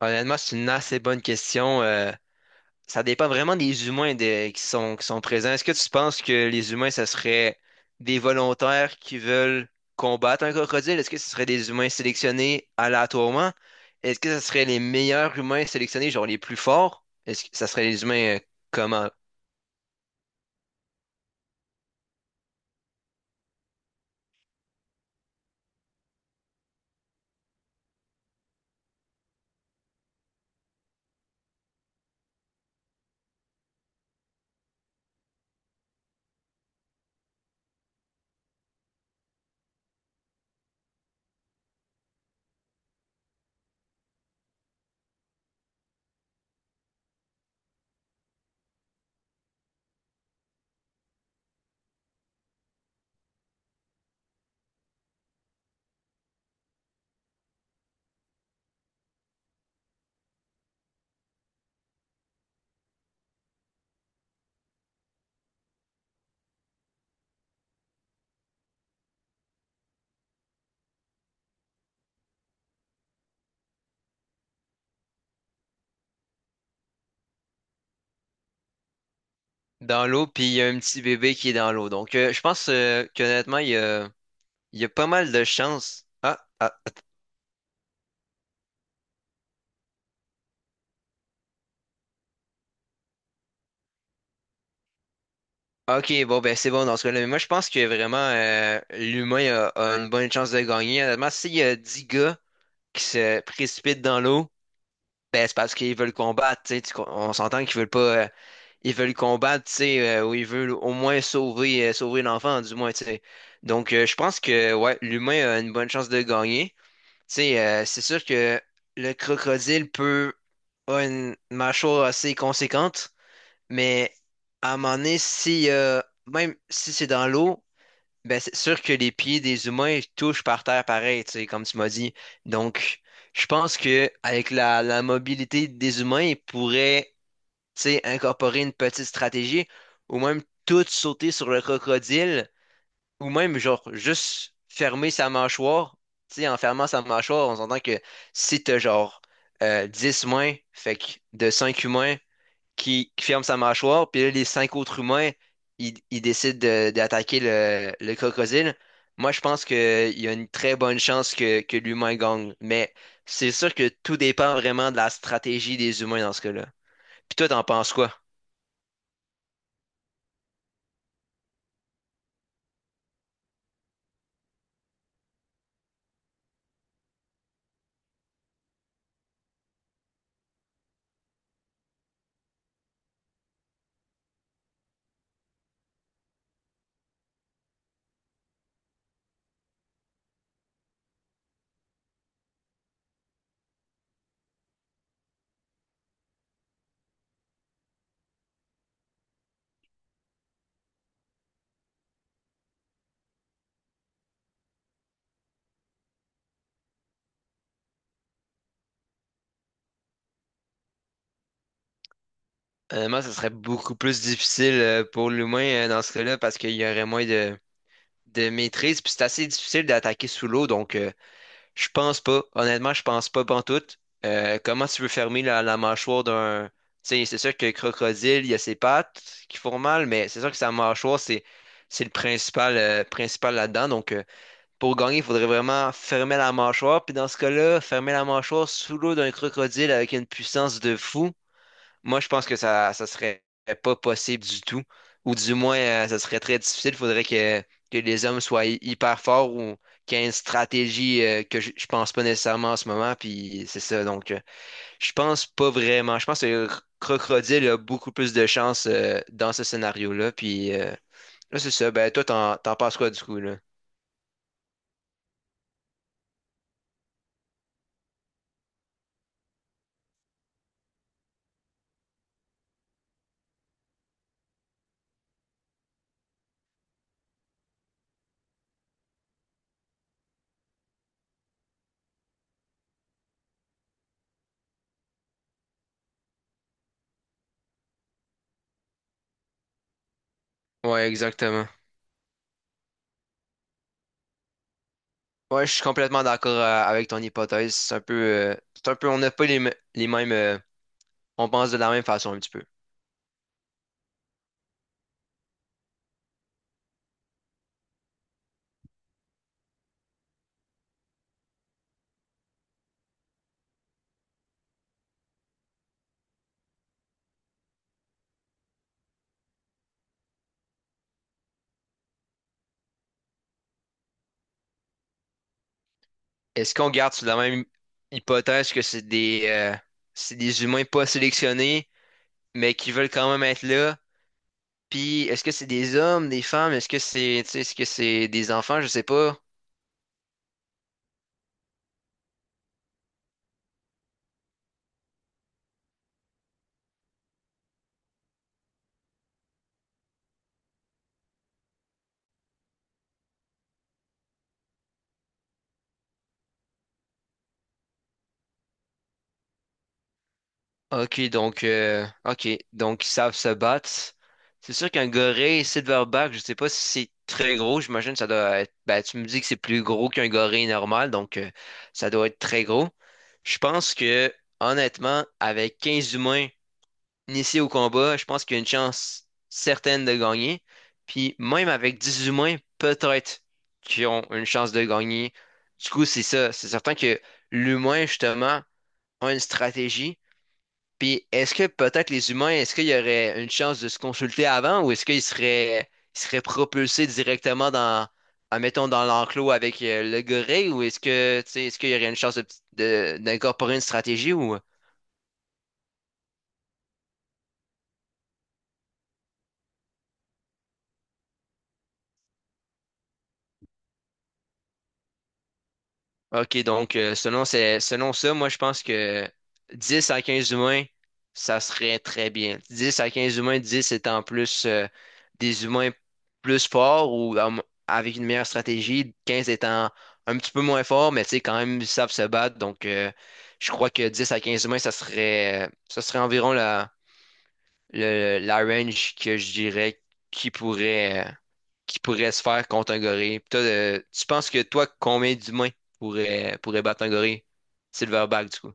Honnêtement, c'est une assez bonne question. Ça dépend vraiment des humains qui sont présents. Est-ce que tu penses que les humains, ce serait des volontaires qui veulent combattre un crocodile? Est-ce que ce serait des humains sélectionnés aléatoirement? Est-ce que ce serait les meilleurs humains sélectionnés, genre les plus forts? Est-ce que ça serait les humains comment? Dans l'eau, puis il y a un petit bébé qui est dans l'eau. Donc, je pense qu'honnêtement, il y a pas mal de chances. Ah, ah. Ok, bon, ben c'est bon dans ce cas-là. Mais moi, je pense que vraiment, l'humain a une bonne chance de gagner. Honnêtement, s'il y a 10 gars qui se précipitent dans l'eau, ben c'est parce qu'ils veulent combattre, tu sais. On s'entend qu'ils veulent pas. euh, ils veulent combattre, tu sais, ou ils veulent au moins sauver l'enfant, du moins, tu sais. Donc, je pense que, ouais, l'humain a une bonne chance de gagner. Tu sais, c'est sûr que le crocodile peut. A une mâchoire assez conséquente. Mais à un moment donné, si, même si c'est dans l'eau, ben c'est sûr que les pieds des humains ils touchent par terre pareil, tu sais, comme tu m'as dit. Donc, je pense que avec la mobilité des humains, ils pourraient, tu sais, incorporer une petite stratégie ou même tout sauter sur le crocodile ou même, genre, juste fermer sa mâchoire. Tu sais, en fermant sa mâchoire, on s'entend que si t'as, genre, 10 mains, fait que de 5 humains, qui ferme sa mâchoire, puis là, les cinq autres humains, ils décident d'attaquer le crocodile. Moi, je pense qu'il y a une très bonne chance que l'humain gagne, mais c'est sûr que tout dépend vraiment de la stratégie des humains dans ce cas-là. Puis toi, t'en penses quoi? Honnêtement, ça serait beaucoup plus difficile pour l'humain dans ce cas-là parce qu'il y aurait moins de maîtrise, puis c'est assez difficile d'attaquer sous l'eau, donc. Je pense pas. Honnêtement, je pense pas pantoute. Comment tu veux fermer la mâchoire d'un... Tu sais, c'est sûr que le crocodile, il y a ses pattes qui font mal, mais c'est sûr que sa mâchoire, c'est le principal là-dedans. Donc, pour gagner, il faudrait vraiment fermer la mâchoire. Puis dans ce cas-là, fermer la mâchoire sous l'eau d'un crocodile avec une puissance de fou. Moi, je pense que ça serait pas possible du tout. Ou du moins, ça serait très difficile. Il faudrait que les hommes soient hyper forts ou qu'il y ait une stratégie que je pense pas nécessairement en ce moment. Puis c'est ça. Donc, je pense pas vraiment. Je pense que le crocodile a beaucoup plus de chance dans ce scénario-là. Puis là, c'est ça. Ben, toi, t'en penses quoi du coup, là? Ouais, exactement. Ouais, je suis complètement d'accord avec ton hypothèse. C'est un peu, on n'a pas les mêmes. On pense de la même façon un petit peu. Est-ce qu'on garde sur la même hypothèse que c'est des humains pas sélectionnés, mais qui veulent quand même être là? Puis est-ce que c'est des hommes, des femmes? Est-ce que c'est, tu sais, est-ce que c'est des enfants? Je sais pas. Ok, donc ils savent se battre. C'est sûr qu'un gorille silverback, je sais pas si c'est très gros, j'imagine que ça doit être. Ben, tu me dis que c'est plus gros qu'un gorille normal, donc ça doit être très gros. Je pense que, honnêtement, avec 15 humains initiés au combat, je pense qu'il y a une chance certaine de gagner. Puis même avec 10 humains, peut-être qu'ils ont une chance de gagner. Du coup, c'est ça. C'est certain que l'humain, justement, a une stratégie puis est-ce que peut-être les humains, est-ce qu'il y aurait une chance de se consulter avant ou est-ce qu'ils seraient propulsés directement dans, admettons, dans l'enclos avec le gorille ou est-ce que, tu sais, est-ce qu'il y aurait une chance d'incorporer une stratégie ou... OK, donc selon ça, moi je pense que 10 à 15 humains, ça serait très bien. 10 à 15 humains, 10 étant plus des humains plus forts ou avec une meilleure stratégie, 15 étant un petit peu moins forts, mais tu sais, quand même, ils savent se battre. Donc je crois que 10 à 15 humains, ça serait environ la range que je dirais qui pourrait, euh, qui pourrait se faire contre un gorille. Puis toi, tu penses que toi, combien d'humains pourrait battre un gorille? Silverback, du coup.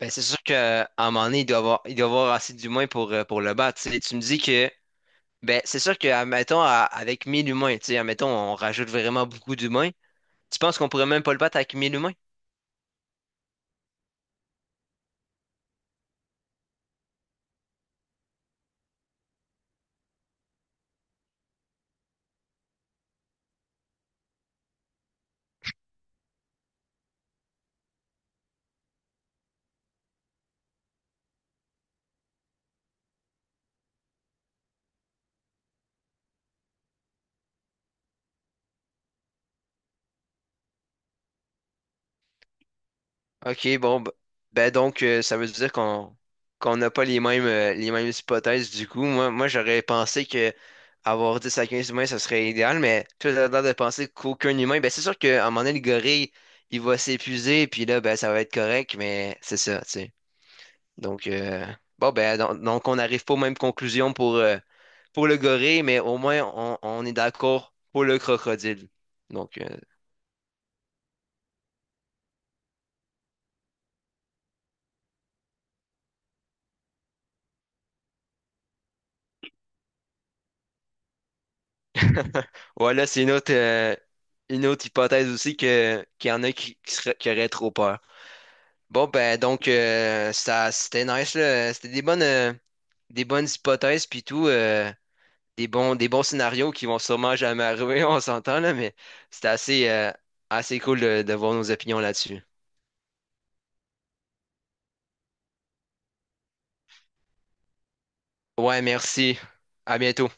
Ben, c'est sûr qu'à un moment donné, il doit avoir assez d'humains pour le battre, tu sais. Tu me dis que, ben, c'est sûr que, admettons, avec 1000 humains, tu sais, admettons, on rajoute vraiment beaucoup d'humains. Tu penses qu'on pourrait même pas le battre avec 1000 humains? OK, bon, ben donc, ça veut dire qu'on n'a pas les mêmes hypothèses du coup. Moi, j'aurais pensé que avoir 10 à 15 humains, ça serait idéal, mais toi, t'as l'air de penser qu'aucun humain, ben c'est sûr qu'à un moment donné, le gorille, il va s'épuiser, puis là, ben ça va être correct, mais c'est ça, tu sais. Donc, bon, ben donc, on n'arrive pas aux mêmes conclusions pour le gorille, mais au moins, on est d'accord pour le crocodile. Donc, Ouais, là, c'est une autre hypothèse aussi que qu'il y en a qui auraient trop peur. Bon, ben donc ça c'était nice là. C'était des bonnes hypothèses puis tout, des bons scénarios qui vont sûrement jamais arriver, on s'entend là, mais c'était assez cool de voir nos opinions là-dessus. Ouais, merci. À bientôt.